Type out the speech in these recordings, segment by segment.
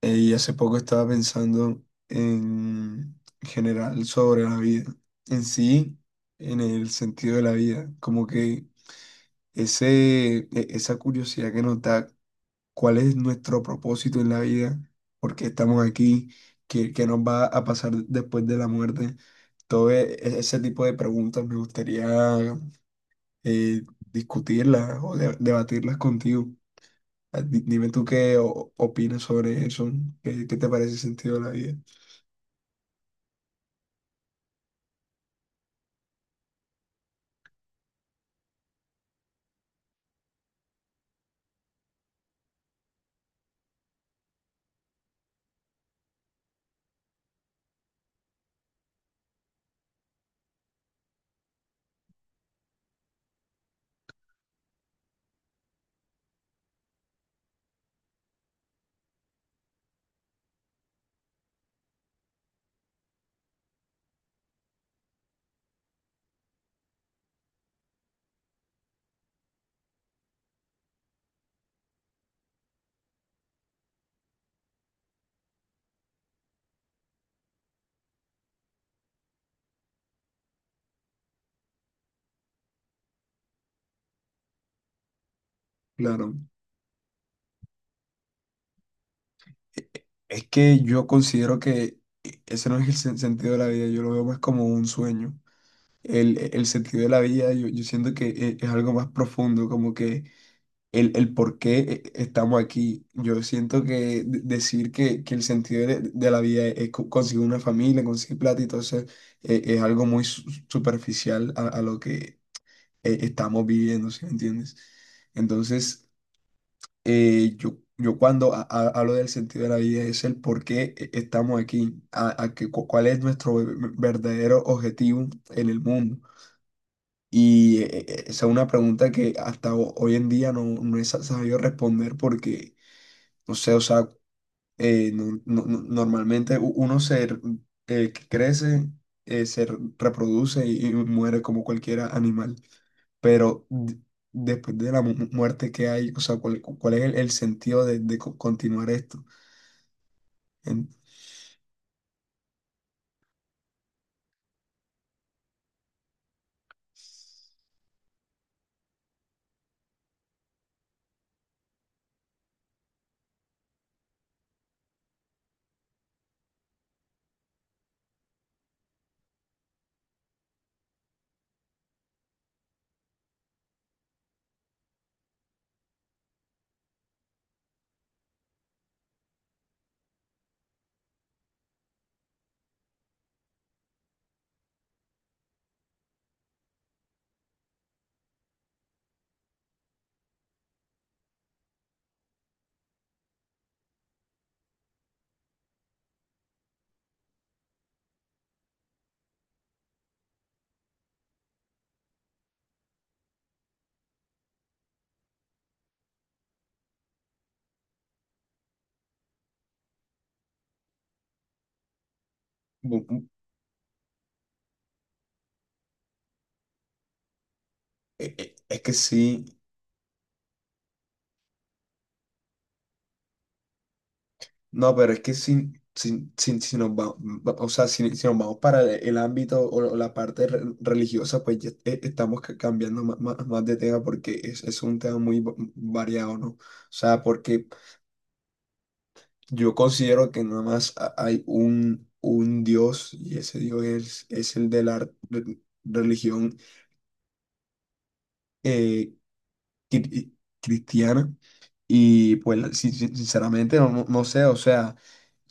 Y hace poco estaba pensando en general sobre la vida, en sí, en el sentido de la vida, como que esa curiosidad que nos da cuál es nuestro propósito en la vida, por qué estamos aquí, qué nos va a pasar después de la muerte, todo ese tipo de preguntas me gustaría eh, discutirlas o debatirlas contigo. Dime tú qué opinas sobre eso, qué te parece el sentido de la vida. Claro. E- e- Es que yo considero que ese no es el sentido de la vida, yo lo veo más como un sueño. El sentido de la vida, yo siento que es algo más profundo, como que el por qué estamos aquí. Yo siento que decir que el sentido de la vida es conseguir una familia, conseguir plata, y entonces es algo muy superficial a lo que estamos viviendo, ¿sí me entiendes? Entonces... yo cuando hablo del sentido de la vida es el por qué estamos aquí, cuál es nuestro verdadero objetivo en el mundo. Y esa es una pregunta que hasta hoy en día no he sabido responder porque, no sé, o sea, normalmente uno que crece, se reproduce y muere como cualquier animal. Pero después de la muerte que hay, o sea, ¿cuál es el sentido de continuar esto? En- bu- bu- es que sí. No, pero es que si nos o sea, si nos vamos para el ámbito o la parte religiosa, pues ya estamos cambiando más, de tema porque es un tema muy variado, ¿no? O sea, porque yo considero que nada más hay un Dios y ese Dios es el de la religión eh, cri- cristiana y pues sinceramente no sé, o sea...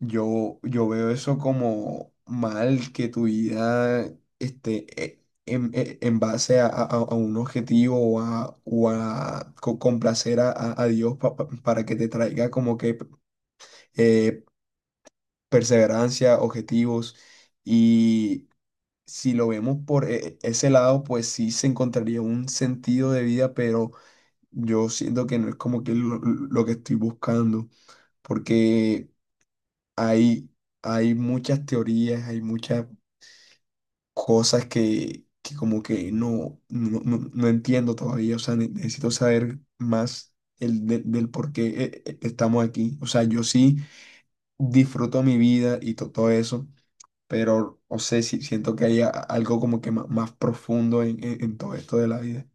Yo veo eso como mal que tu vida esté en base a un objetivo o a complacer a Dios para que te traiga como que eh, perseverancia, objetivos. Y si lo vemos por ese lado, pues sí se encontraría un sentido de vida, pero yo siento que no es como que lo que estoy buscando, porque... Hay, hay muchas teorías, hay muchas cosas que como que no entiendo todavía. O sea, necesito saber más del por qué estamos aquí. O sea, yo sí disfruto mi vida y todo eso, pero o sea sí siento que hay algo como que más, profundo en todo esto de la vida.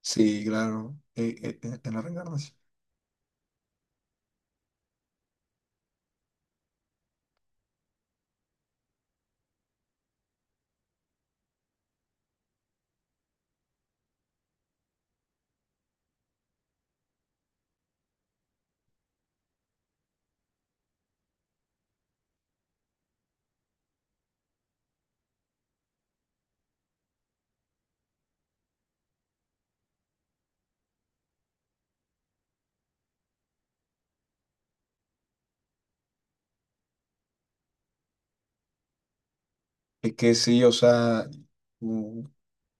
Sí, claro, en la reencarnación. Es que sí, o sea,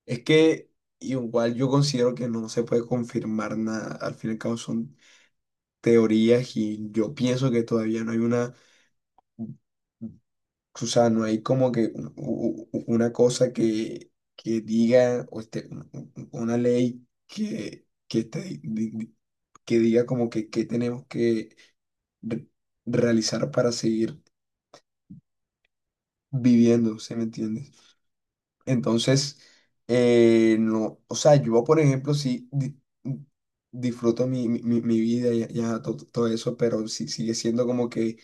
es que igual yo considero que no se puede confirmar nada. Al fin y al cabo son teorías y yo pienso que todavía no hay una, o sea, no hay como que una cosa que diga, o este, un- una ley que, te- di- di- que diga como que qué tenemos que re- realizar para seguir viviendo, ¿se me entiende? Entonces, no, o sea, yo, por ejemplo, sí disfruto mi vida y ya, todo, eso, pero sí, sigue siendo como que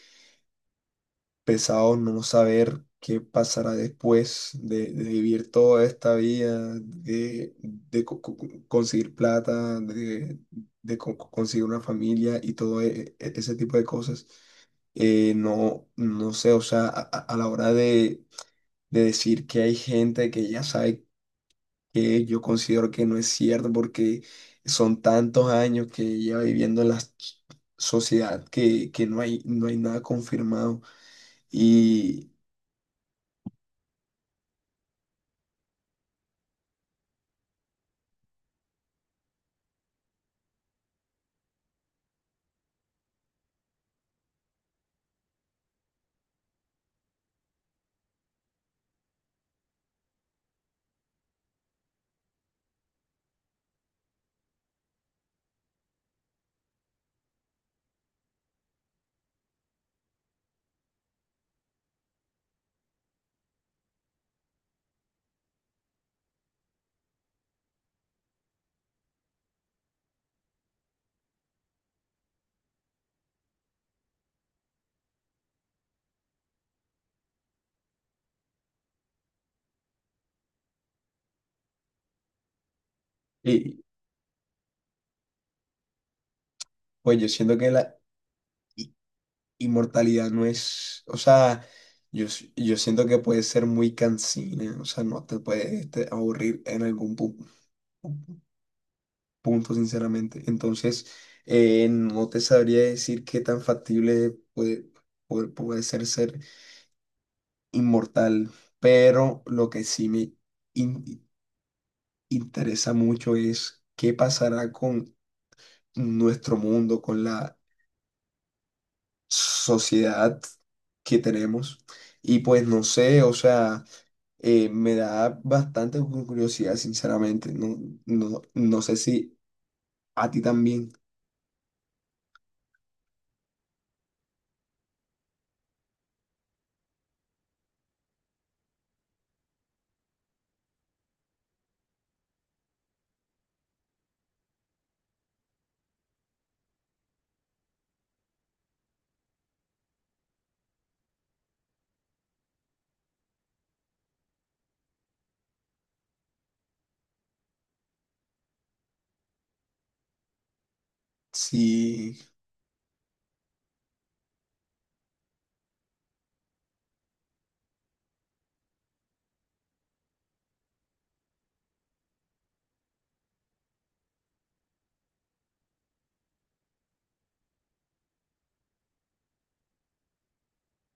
pesado no saber qué pasará después de vivir toda esta vida, conseguir plata, de conseguir una familia y todo ese tipo de cosas. No, no sé, o sea, a la hora de decir que hay gente que ya sabe que yo considero que no es cierto porque son tantos años que lleva viviendo en la sociedad que no hay nada confirmado. Y, y, pues yo siento que la i- inmortalidad no es, o sea, yo siento que puede ser muy cansina, o sea, no te puede este, aburrir en algún punto, sinceramente. Entonces, no te sabría decir qué tan factible puede ser ser. Inmortal, pero lo que sí me in- interesa mucho es qué pasará con nuestro mundo, con la sociedad que tenemos. Y pues no sé, o sea, me da bastante curiosidad, sinceramente. No, no sé si a ti también. Sí,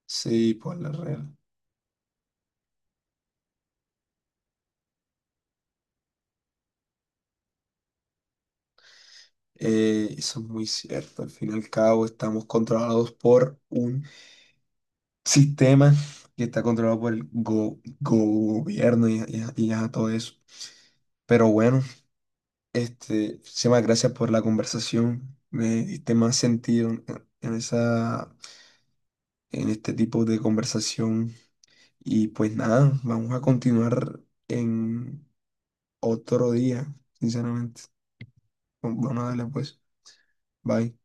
sí, por la real. Eso es muy cierto. Al fin y al cabo, estamos controlados por un sistema que está controlado por el gobierno y ya todo eso. Pero bueno, este, muchísimas gracias por la conversación. Me diste más sentido en esa, en este tipo de conversación. Y pues nada, vamos a continuar en otro día, sinceramente. Bueno, dale pues. Bye.